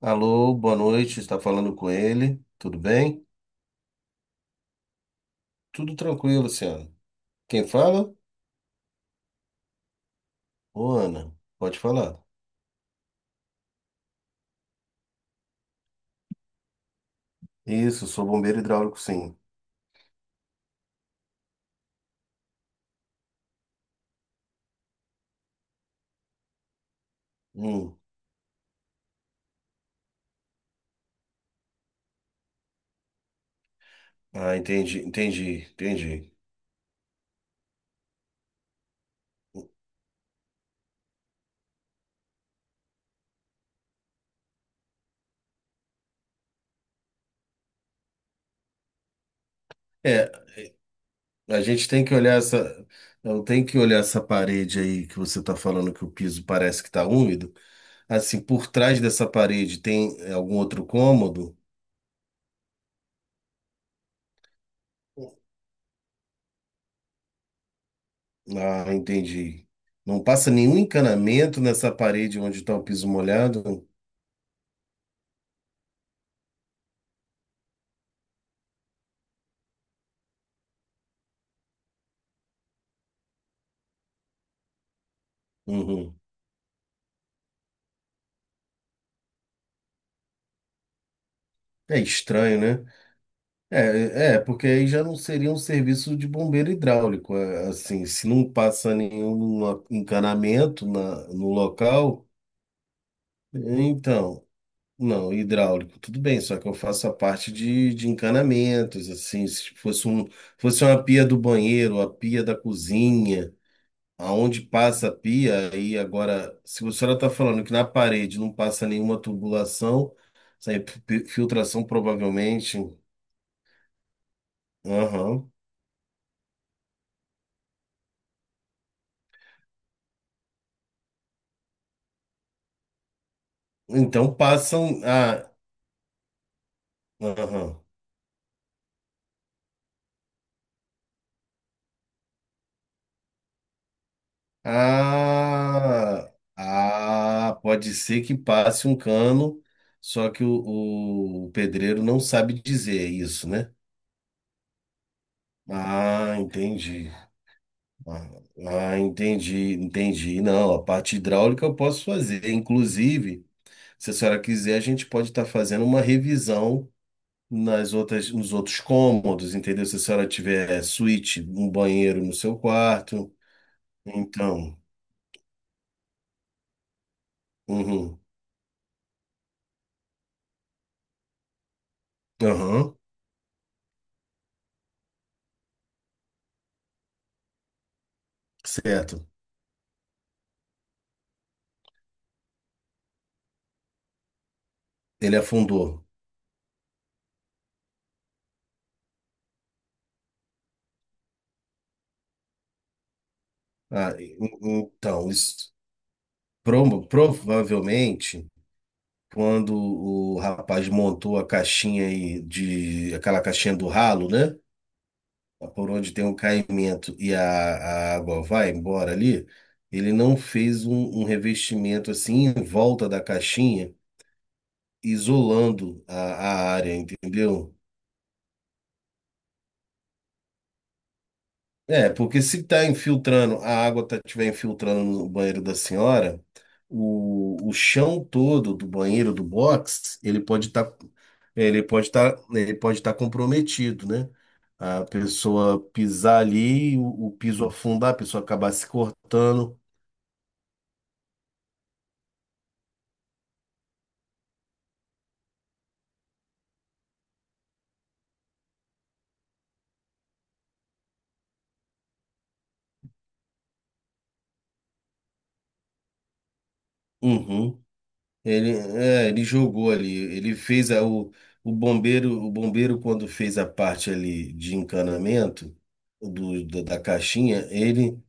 Alô, boa noite. Está falando com ele? Tudo bem? Tudo tranquilo, Luciano. Quem fala? Ô, Ana, pode falar. Isso, sou bombeiro hidráulico, sim. Hum. Ah, entendi, entendi, entendi. É, a gente tem que olhar essa, eu tenho que olhar essa parede aí que você está falando que o piso parece que está úmido. Assim, por trás dessa parede tem algum outro cômodo? Ah, entendi. Não passa nenhum encanamento nessa parede onde está o piso molhado? Uhum. É estranho, né? É, porque aí já não seria um serviço de bombeiro hidráulico. Assim, se não passa nenhum encanamento no local, então, não, hidráulico, tudo bem, só que eu faço a parte de encanamentos, assim, se fosse um, fosse uma pia do banheiro, a pia da cozinha, aonde passa a pia, aí agora, se a senhora está falando que na parede não passa nenhuma tubulação, sem filtração provavelmente. Aham. Então passam. Ah, aham. Ah, ah, pode ser que passe um cano, só que o pedreiro não sabe dizer é isso, né? Ah, entendi. Ah, ah, entendi, entendi. Não, a parte hidráulica eu posso fazer. Inclusive, se a senhora quiser, a gente pode estar fazendo uma revisão nos outros cômodos, entendeu? Se a senhora tiver suíte, um banheiro no seu quarto. Então, uhum. Aham, certo. Ele afundou. Ah, então, isso, provavelmente, quando o rapaz montou a caixinha aí de aquela caixinha do ralo, né? Ah, por onde tem um caimento e a água vai embora ali, ele não fez um revestimento assim em volta da caixinha, isolando a área, entendeu? É, porque se tá infiltrando, tiver infiltrando no banheiro da senhora, o chão todo do banheiro do box, ele pode estar ele pode estar ele pode estar comprometido, né? A pessoa pisar ali, o piso afundar, a pessoa acabar se cortando. Uhum. Ele jogou ali, ele fez a, o, o bombeiro quando fez a parte ali de encanamento do, da da caixinha, ele.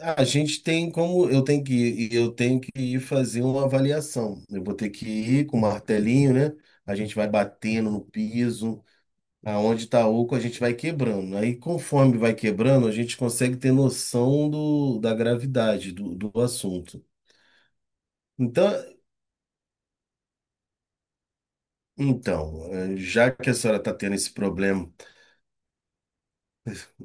A gente tem como Eu tenho que ir fazer uma avaliação. Eu vou ter que ir com o martelinho, né? A gente vai batendo no piso, aonde tá oco a gente vai quebrando. Aí conforme vai quebrando, a gente consegue ter noção da gravidade do assunto. Então, então, já que a senhora está tendo esse problema,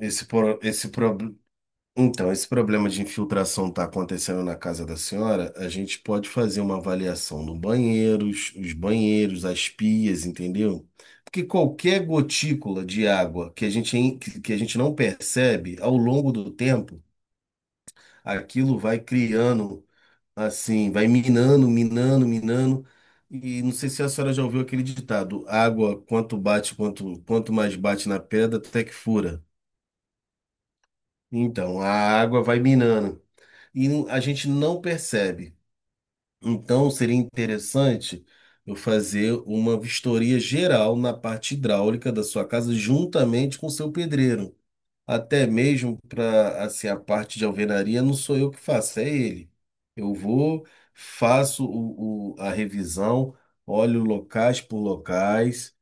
esse, pro- esse problema Então, esse problema de infiltração está acontecendo na casa da senhora. A gente pode fazer uma avaliação nos banheiros, as pias, entendeu? Porque qualquer gotícula de água que a gente, que a gente não percebe, ao longo do tempo, aquilo vai criando, assim, vai minando, minando, minando. E não sei se a senhora já ouviu aquele ditado: água, quanto bate, quanto mais bate na pedra, até que fura. Então, a água vai minando e a gente não percebe. Então, seria interessante eu fazer uma vistoria geral na parte hidráulica da sua casa juntamente com o seu pedreiro. Até mesmo para assim, a parte de alvenaria não sou eu que faço, é ele. Eu vou, faço a revisão, olho locais por locais.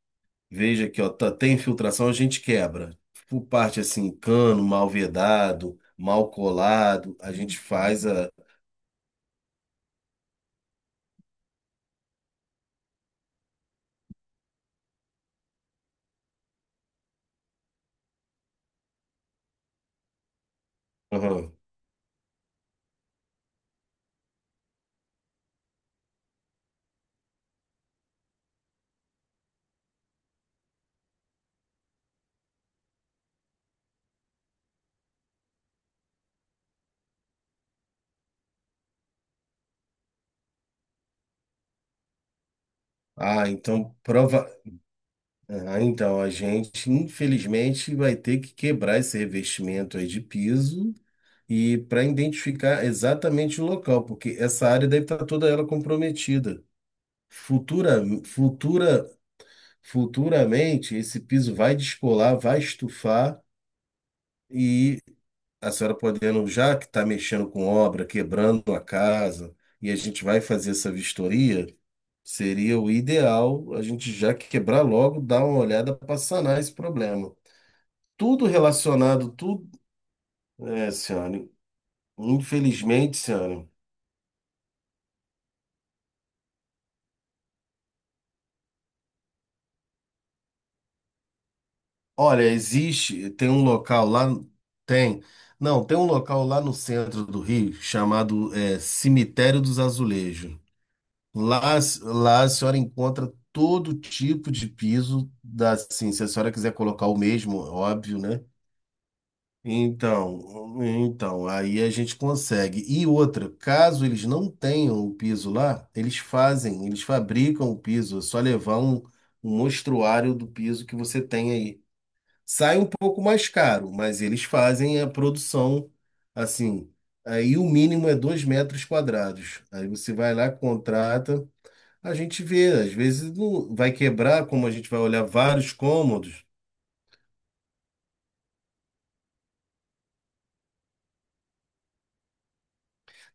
Veja aqui, ó, tem infiltração, a gente quebra. Por parte assim, cano mal vedado, mal colado, a gente faz a. Aham. Ah, então prova. Ah, então a gente infelizmente vai ter que quebrar esse revestimento aí de piso e para identificar exatamente o local, porque essa área deve estar toda ela comprometida. Futura, futura, futuramente esse piso vai descolar, vai estufar, a senhora podendo, já que está mexendo com obra, quebrando a casa, e a gente vai fazer essa vistoria, seria o ideal a gente já quebrar logo, dar uma olhada para sanar esse problema. Tudo relacionado, tudo. É, senhora, infelizmente, senhora. Olha, existe, tem um local lá, tem. Não, tem um local lá no centro do Rio chamado Cemitério dos Azulejos. Lá, lá, a senhora encontra todo tipo de piso, assim, se a senhora quiser colocar o mesmo, óbvio, né? Então, aí a gente consegue. E outra, caso eles não tenham o piso lá, eles fazem, eles fabricam o piso, é só levar um mostruário do piso que você tem aí. Sai um pouco mais caro, mas eles fazem a produção, assim, aí o mínimo é 2 m². Aí você vai lá, contrata. A gente vê, às vezes não vai quebrar, como a gente vai olhar vários cômodos.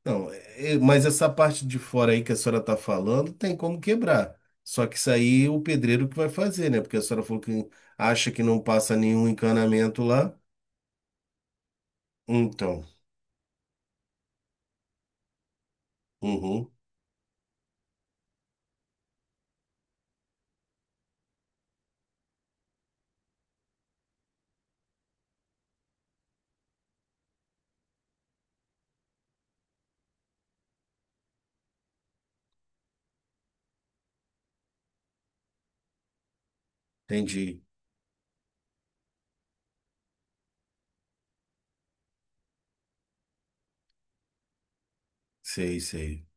Não, mas essa parte de fora aí que a senhora está falando tem como quebrar. Só que isso aí é o pedreiro que vai fazer, né? Porque a senhora falou que acha que não passa nenhum encanamento lá. Então, uhum, entendi. Sei, sei.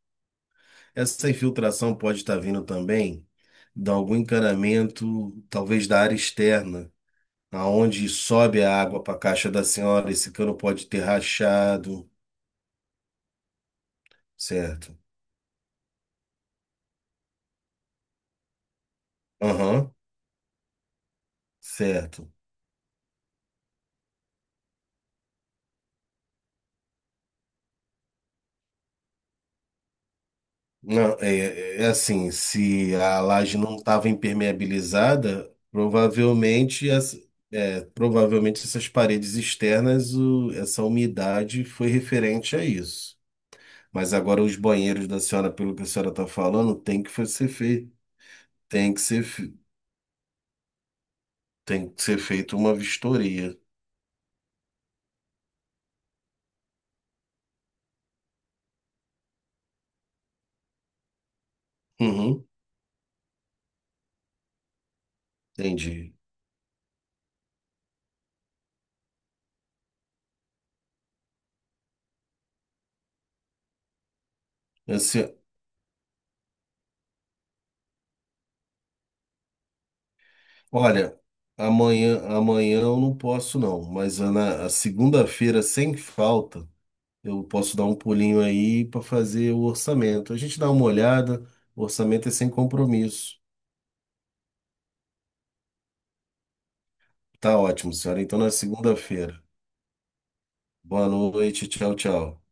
Essa infiltração pode estar vindo também de algum encanamento, talvez da área externa, aonde sobe a água para a caixa da senhora. Esse cano pode ter rachado. Certo. Aham, certo. Não, é assim, se a laje não estava impermeabilizada, provavelmente, as, provavelmente essas paredes externas, essa umidade foi referente a isso. Mas agora os banheiros da senhora, pelo que a senhora está falando, tem que ser, fe- tem que ser feito uma vistoria. Uhum, entendi. Assim, olha, amanhã eu não posso não, mas a na a segunda-feira, sem falta, eu posso dar um pulinho aí para fazer o orçamento. A gente dá uma olhada, o orçamento é sem compromisso. Tá ótimo, senhora. Então na segunda-feira. Boa noite, tchau, tchau.